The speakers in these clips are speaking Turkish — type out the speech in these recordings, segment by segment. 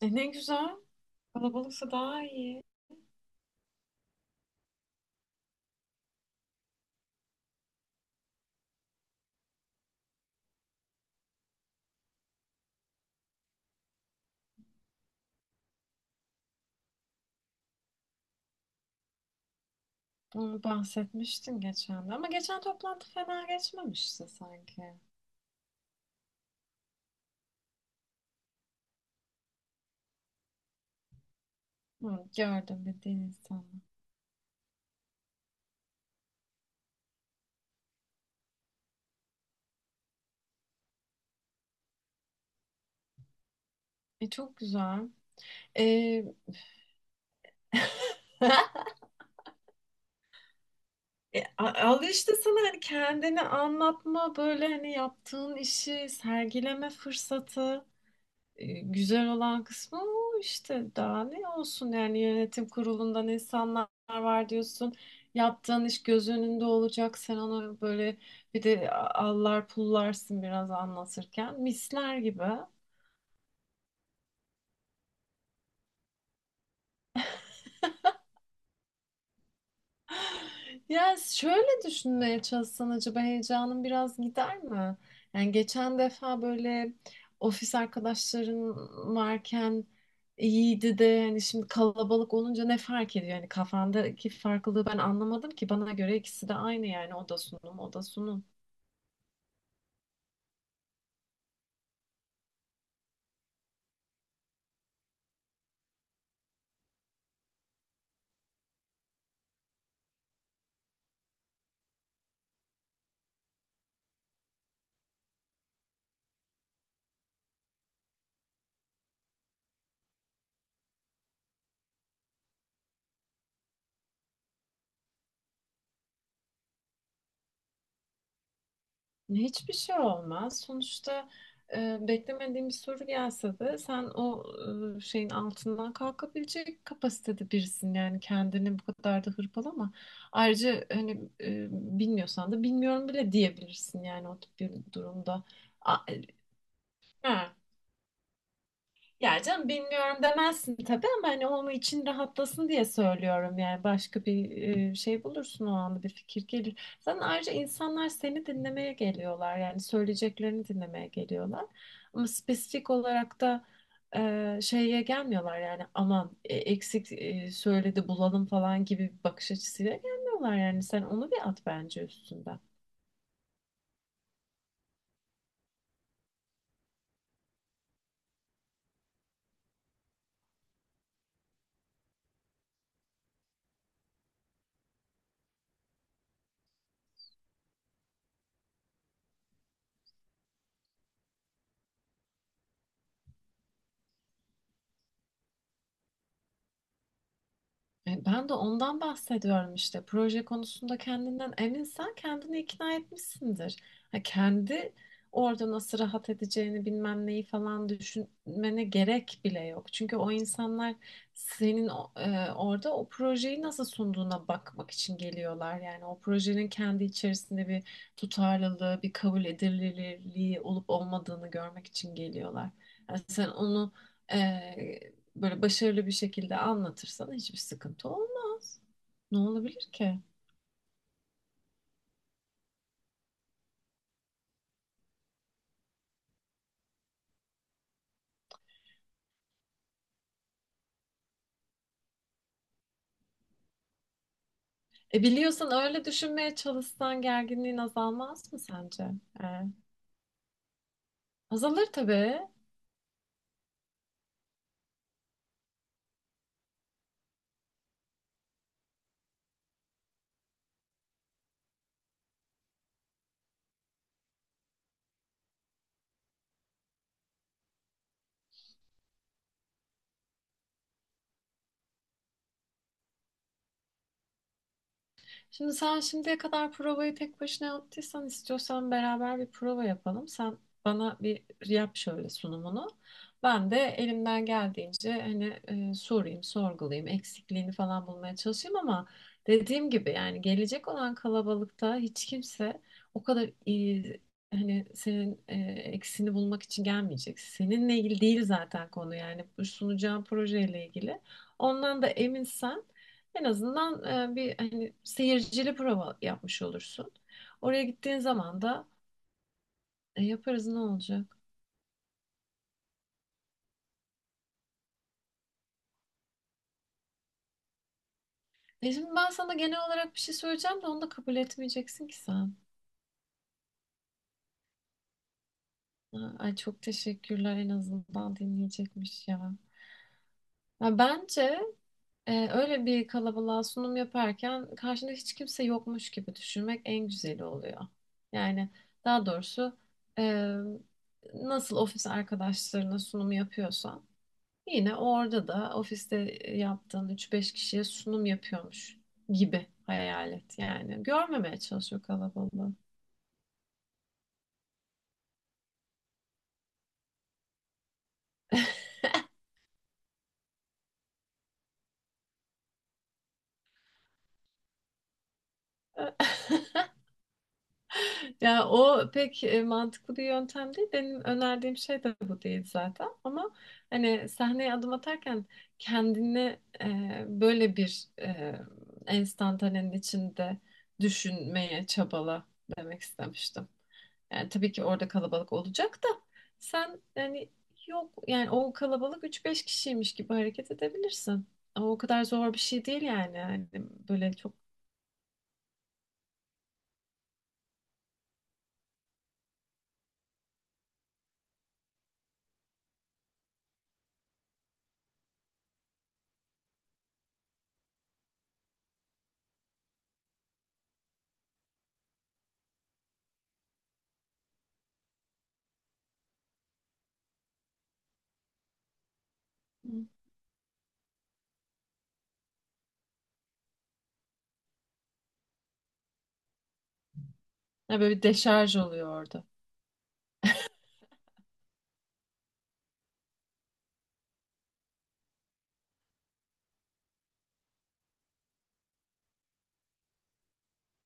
E ne güzel. Kalabalıksa daha iyi. Onu bahsetmiştin geçen de. Ama geçen toplantı fena geçmemişti sanki. Hı, gördüm bildiğin insanı. E çok güzel. E, al işte sana hani kendini anlatma böyle hani yaptığın işi sergileme fırsatı. Güzel olan kısmı o işte daha ne olsun yani yönetim kurulundan insanlar var diyorsun. Yaptığın iş göz önünde olacak. Sen onu böyle bir de allar pullarsın biraz anlatırken. Misler gibi. Ya şöyle düşünmeye çalışsan acaba heyecanın biraz gider mi? Yani geçen defa böyle ofis arkadaşların varken iyiydi de hani şimdi kalabalık olunca ne fark ediyor? Yani kafandaki farklılığı ben anlamadım ki bana göre ikisi de aynı yani o da sunum o da sunum. Hiçbir şey olmaz. Sonuçta beklemediğin bir soru gelse de sen o şeyin altından kalkabilecek kapasitede birisin. Yani kendini bu kadar da hırpalama. Ayrıca hani bilmiyorsan da bilmiyorum bile diyebilirsin yani o tip bir durumda. A- e, Ha, ya canım bilmiyorum demezsin tabii ama hani onun için rahatlasın diye söylüyorum yani başka bir şey bulursun o anda bir fikir gelir. Zaten ayrıca insanlar seni dinlemeye geliyorlar yani söyleyeceklerini dinlemeye geliyorlar ama spesifik olarak da şeye gelmiyorlar yani aman eksik söyledi bulalım falan gibi bir bakış açısıyla gelmiyorlar yani sen onu bir at bence üstünden. Ben de ondan bahsediyorum işte. Proje konusunda kendinden eminsen kendini ikna etmişsindir. Ha, kendi orada nasıl rahat edeceğini bilmem neyi falan düşünmene gerek bile yok. Çünkü o insanlar senin orada o projeyi nasıl sunduğuna bakmak için geliyorlar. Yani o projenin kendi içerisinde bir tutarlılığı, bir kabul edilirliği olup olmadığını görmek için geliyorlar. Yani sen onu e, böyle başarılı bir şekilde anlatırsan hiçbir sıkıntı olmaz. Ne olabilir ki? E biliyorsan öyle düşünmeye çalışsan gerginliğin azalmaz mı sence? E, azalır tabii. Şimdi sen şimdiye kadar provayı tek başına yaptıysan istiyorsan beraber bir prova yapalım. Sen bana bir yap şöyle sunumunu. Ben de elimden geldiğince hani sorayım, sorgulayayım, eksikliğini falan bulmaya çalışayım ama dediğim gibi yani gelecek olan kalabalıkta hiç kimse o kadar iyi hani senin eksini bulmak için gelmeyecek. Seninle ilgili değil zaten konu yani bu sunacağın projeyle ilgili. Ondan da eminsen en azından bir hani seyircili prova yapmış olursun. Oraya gittiğin zaman da yaparız ne olacak? E şimdi ben sana genel olarak bir şey söyleyeceğim de onu da kabul etmeyeceksin ki sen. Ha, Ay çok teşekkürler en azından dinleyecekmiş ya. Ya bence öyle bir kalabalığa sunum yaparken karşında hiç kimse yokmuş gibi düşünmek en güzeli oluyor. Yani daha doğrusu e, nasıl ofis arkadaşlarına sunumu yapıyorsan yine orada da ofiste yaptığın üç beş kişiye sunum yapıyormuş gibi hayal et yani. Görmemeye çalışıyor kalabalığı. Ya o pek mantıklı bir yöntem değil. Benim önerdiğim şey de bu değil zaten. Ama hani sahneye adım atarken kendini böyle bir enstantanenin içinde düşünmeye çabala demek istemiştim. Yani tabii ki orada kalabalık olacak da sen yani yok yani o kalabalık üç beş kişiymiş gibi hareket edebilirsin. Ama o kadar zor bir şey değil yani. Yani böyle çok ya böyle bir deşarj oluyor.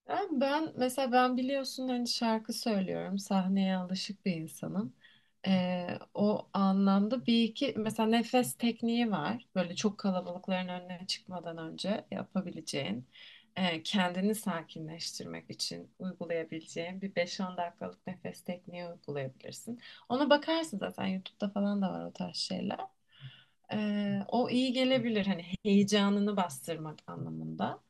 Ben mesela ben biliyorsun hani şarkı söylüyorum. Sahneye alışık bir insanım. Ee, o anlamda bir iki mesela nefes tekniği var. Böyle çok kalabalıkların önüne çıkmadan önce yapabileceğin, kendini sakinleştirmek için uygulayabileceğin bir beş on dakikalık nefes tekniği uygulayabilirsin. Ona bakarsın zaten YouTube'da falan da var o tarz şeyler. O iyi gelebilir hani heyecanını bastırmak anlamında.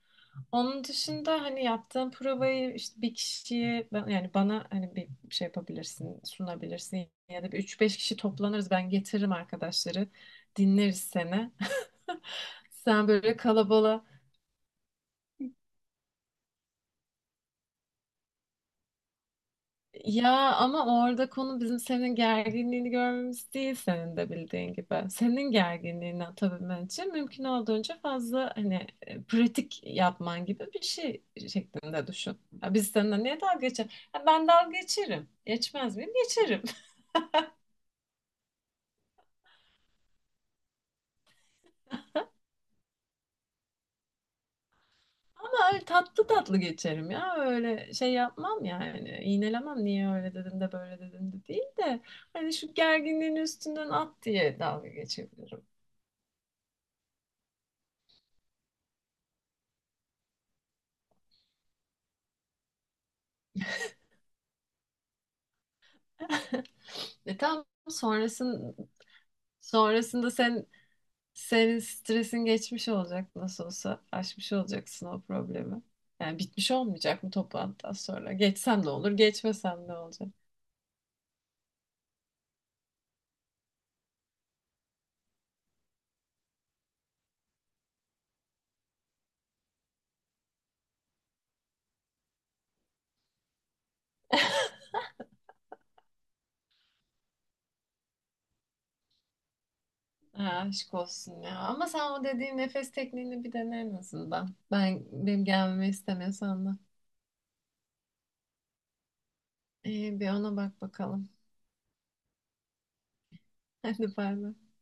Onun dışında hani yaptığım provayı işte bir kişiye yani bana hani bir şey yapabilirsin, sunabilirsin ya da bir 3-5 kişi toplanırız ben getiririm arkadaşları dinleriz seni. Sen böyle kalabalığa ya ama orada konu bizim senin gerginliğini görmemiz değil senin de bildiğin gibi. Senin gerginliğini atabilmen için mümkün olduğunca fazla hani pratik yapman gibi bir şey şeklinde düşün. Ya biz seninle niye dalga geçer? Ya ben dalga geçerim. Geçmez miyim? Geçerim. Öyle tatlı tatlı geçerim ya. Öyle şey yapmam yani. İğnelemem niye öyle dedim de böyle dedim de değil de. Hani şu gerginliğin üstünden at diye dalga geçebilirim. E tam sonrasında senin stresin geçmiş olacak nasıl olsa. Aşmış olacaksın o problemi. Yani bitmiş olmayacak mı toplantıdan sonra. Geçsem ne olur, geçmesem ne olacak? Ha, aşk olsun ya. Ama sen o dediğin nefes tekniğini bir dene en azından. Benim gelmemi istemiyorsan da. İyi bir ona bak bakalım. Hadi bay bay.